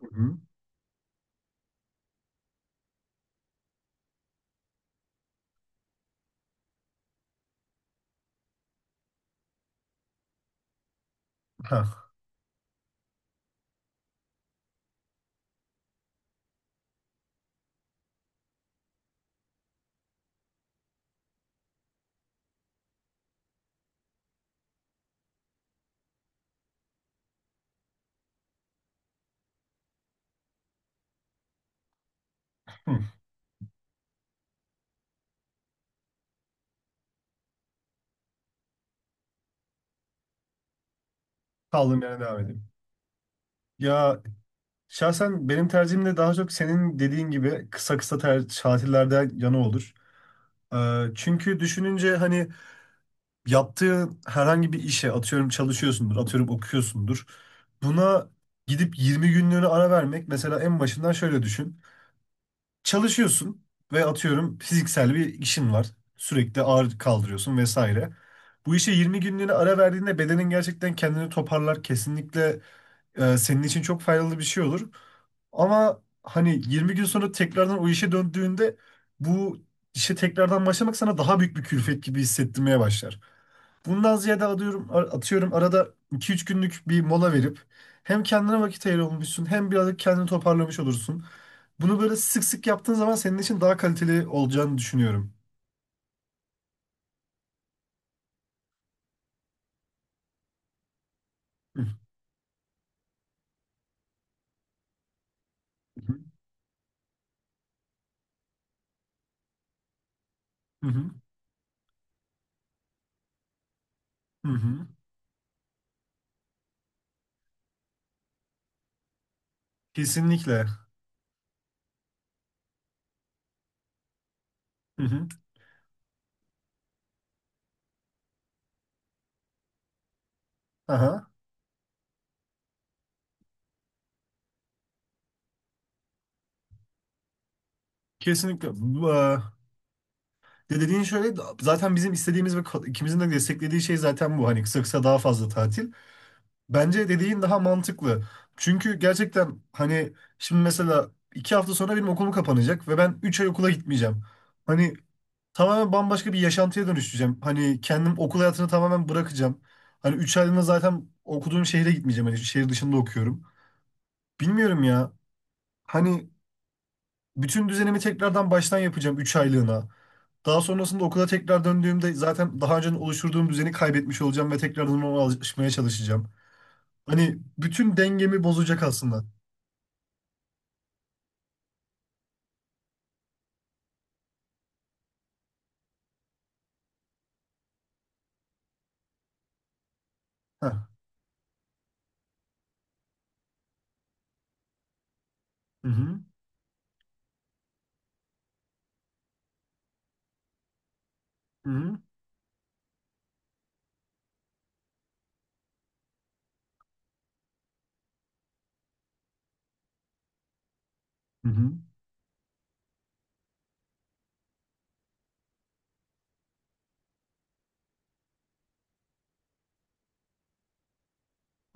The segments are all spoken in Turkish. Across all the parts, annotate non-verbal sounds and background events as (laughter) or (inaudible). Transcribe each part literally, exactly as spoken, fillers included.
Hı hı. Ha. Hı. Kaldığım yerden devam edeyim. Ya şahsen benim tercihim de daha çok senin dediğin gibi kısa kısa ter- tatillerde yana olur. Ee, çünkü düşününce hani yaptığın herhangi bir işe atıyorum çalışıyorsundur, atıyorum okuyorsundur. Buna gidip yirmi günlüğüne ara vermek mesela en başından şöyle düşün. Çalışıyorsun ve atıyorum fiziksel bir işin var. Sürekli ağır kaldırıyorsun vesaire. Bu işe yirmi günlüğüne ara verdiğinde bedenin gerçekten kendini toparlar. Kesinlikle e, senin için çok faydalı bir şey olur. Ama hani yirmi gün sonra tekrardan o işe döndüğünde bu işe tekrardan başlamak sana daha büyük bir külfet gibi hissettirmeye başlar. Bundan ziyade atıyorum, atıyorum arada iki üç günlük bir mola verip hem kendine vakit ayırmışsın hem birazcık kendini toparlamış olursun. Bunu böyle sık sık yaptığın zaman senin için daha kaliteli olacağını düşünüyorum. Hı hı, hı hı, hı hı. Kesinlikle. Hı hı. Aha. Kesinlikle. Bu, e, De dediğin şöyle zaten bizim istediğimiz ve ka- ikimizin de desteklediği şey zaten bu. Hani kısa kısa daha fazla tatil. Bence dediğin daha mantıklı. Çünkü gerçekten hani şimdi mesela iki hafta sonra benim okulum kapanacak ve ben üç ay okula gitmeyeceğim. Hani tamamen bambaşka bir yaşantıya dönüşeceğim. Hani kendim okul hayatını tamamen bırakacağım. Hani üç aylığına zaten okuduğum şehre gitmeyeceğim. Hani şehir dışında okuyorum. Bilmiyorum ya. Hani bütün düzenimi tekrardan baştan yapacağım üç aylığına. Daha sonrasında okula tekrar döndüğümde zaten daha önce oluşturduğum düzeni kaybetmiş olacağım ve tekrardan ona alışmaya çalışacağım. Hani bütün dengemi bozacak aslında. Heh. Hı hı. Hı hı. Hı hı.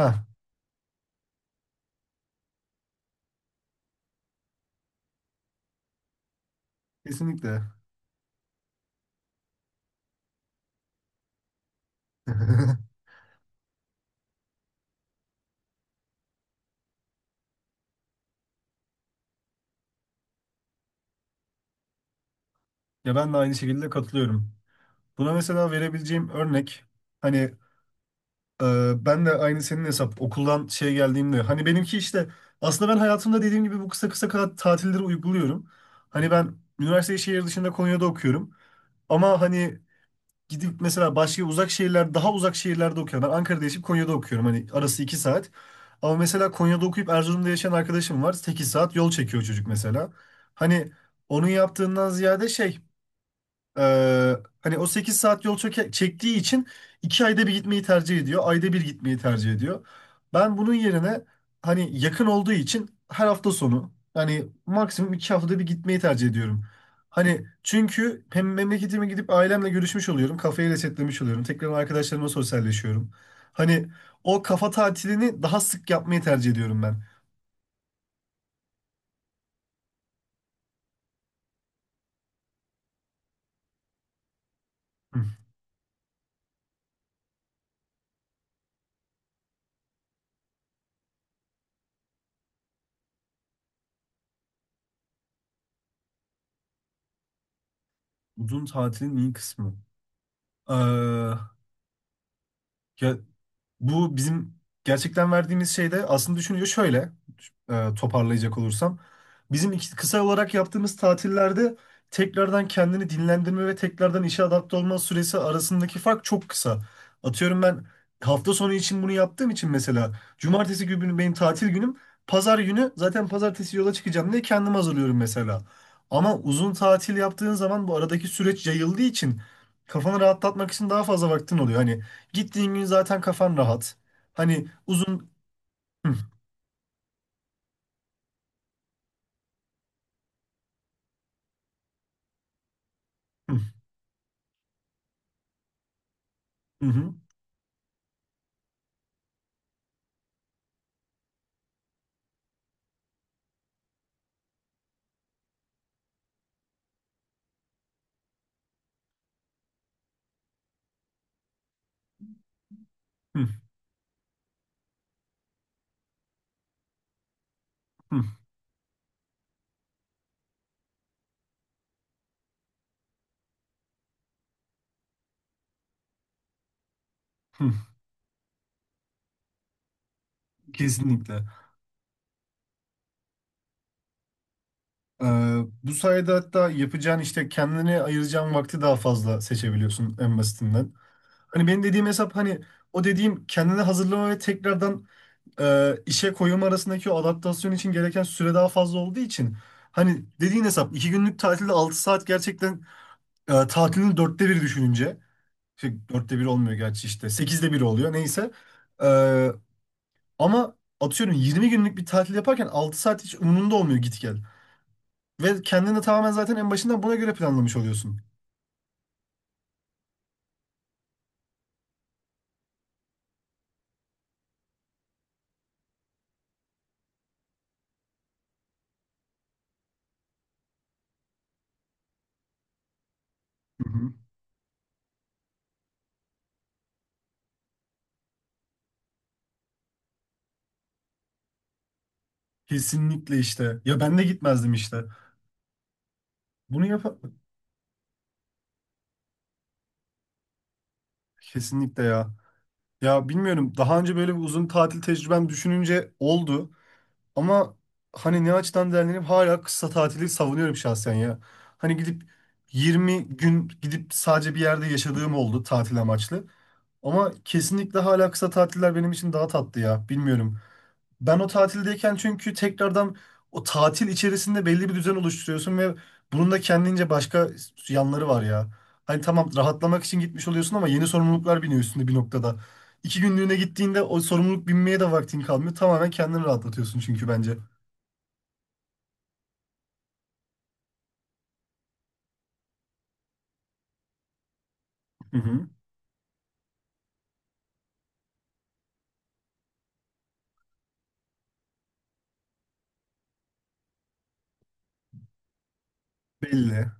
Heh. Kesinlikle. (laughs) Ya ben de aynı şekilde katılıyorum. Buna mesela verebileceğim örnek hani Ee, ben de aynı senin hesap okuldan şey geldiğimde hani benimki işte aslında ben hayatımda dediğim gibi bu kısa kısa ka- tatilleri uyguluyorum. Hani ben üniversiteyi şehir dışında Konya'da okuyorum ama hani gidip mesela başka uzak şehirler daha uzak şehirlerde okuyorum. Ben Ankara'da yaşayıp Konya'da okuyorum hani arası iki saat. Ama mesela Konya'da okuyup Erzurum'da yaşayan arkadaşım var. Sekiz saat yol çekiyor çocuk mesela. Hani onun yaptığından ziyade şey ee, hani o sekiz saat yol çöke- çektiği için iki ayda bir gitmeyi tercih ediyor. Ayda bir gitmeyi tercih ediyor. Ben bunun yerine hani yakın olduğu için her hafta sonu yani maksimum iki haftada bir gitmeyi tercih ediyorum. Hani çünkü hem memleketime gidip ailemle görüşmüş oluyorum. Kafayı resetlemiş oluyorum. Tekrar arkadaşlarımla sosyalleşiyorum. Hani o kafa tatilini daha sık yapmayı tercih ediyorum ben. Hı. Uzun tatilin iyi kısmı. Ee, ya Bu bizim gerçekten verdiğimiz şeyde aslında düşünüyor şöyle, e, toparlayacak olursam. Bizim iki- kısa olarak yaptığımız tatillerde tekrardan kendini dinlendirme ve tekrardan işe adapte olma süresi arasındaki fark çok kısa. Atıyorum ben hafta sonu için bunu yaptığım için mesela cumartesi günü benim tatil günüm. Pazar günü zaten pazartesi yola çıkacağım diye kendimi hazırlıyorum mesela. Ama uzun tatil yaptığın zaman bu aradaki süreç yayıldığı için kafanı rahatlatmak için daha fazla vaktin oluyor. Hani gittiğin gün zaten kafan rahat. Hani uzun... Hı, hı, hı, hı, hı, hı, hı. Kesinlikle. Ee, bu sayede hatta yapacağın işte kendine ayıracağın vakti daha fazla seçebiliyorsun en basitinden. Hani benim dediğim hesap hani o dediğim kendini hazırlama ve tekrardan e, işe koyum arasındaki o adaptasyon için gereken süre daha fazla olduğu için hani dediğin hesap iki günlük tatilde altı saat gerçekten e, tatilin dörtte biri düşününce. Şey, dörtte bir olmuyor gerçi işte. Sekizde bir oluyor neyse. Ee, ama atıyorum yirmi günlük bir tatil yaparken altı saat hiç umurunda olmuyor git gel. Ve kendini de tamamen zaten en başından buna göre planlamış oluyorsun. Hı hı. Kesinlikle işte. Ya ben de gitmezdim işte. Bunu yap kesinlikle ya. Ya bilmiyorum daha önce böyle bir uzun tatil tecrübem düşününce oldu. Ama hani ne açıdan değerlendireyim hala kısa tatili savunuyorum şahsen ya. Hani gidip yirmi gün gidip sadece bir yerde yaşadığım oldu tatil amaçlı. Ama kesinlikle hala kısa tatiller benim için daha tatlı ya. Bilmiyorum. Ben o tatildeyken çünkü tekrardan o tatil içerisinde belli bir düzen oluşturuyorsun ve bunun da kendince başka yanları var ya. Hani tamam, rahatlamak için gitmiş oluyorsun ama yeni sorumluluklar biniyor üstünde bir noktada. İki günlüğüne gittiğinde o sorumluluk binmeye de vaktin kalmıyor. Tamamen kendini rahatlatıyorsun çünkü bence. Hı hı. Belli.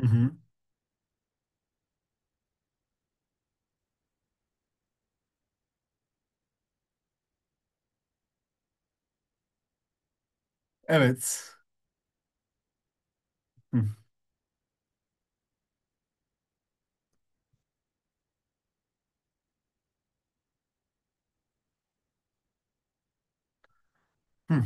Hı hı. Evet. Hı, hı.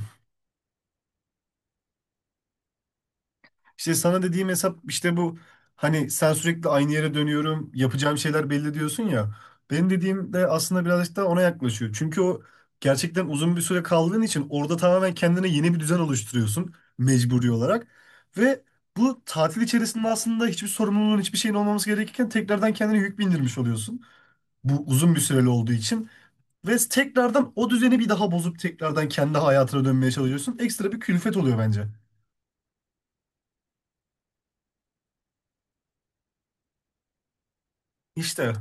İşte sana dediğim hesap işte bu, hani sen sürekli aynı yere dönüyorum yapacağım şeyler belli diyorsun ya. Benim dediğim de aslında birazcık da ona yaklaşıyor. Çünkü o gerçekten uzun bir süre kaldığın için orada tamamen kendine yeni bir düzen oluşturuyorsun mecburi olarak. Ve bu tatil içerisinde aslında hiçbir sorumluluğun hiçbir şeyin olmaması gerekirken tekrardan kendine yük bindirmiş oluyorsun. Bu uzun bir süreli olduğu için. Ve tekrardan o düzeni bir daha bozup tekrardan kendi hayatına dönmeye çalışıyorsun. Ekstra bir külfet oluyor bence. İşte.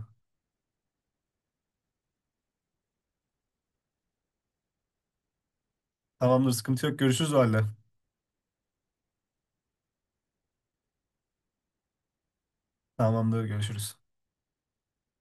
Tamamdır, sıkıntı yok. Görüşürüz o halde. Tamamdır, görüşürüz.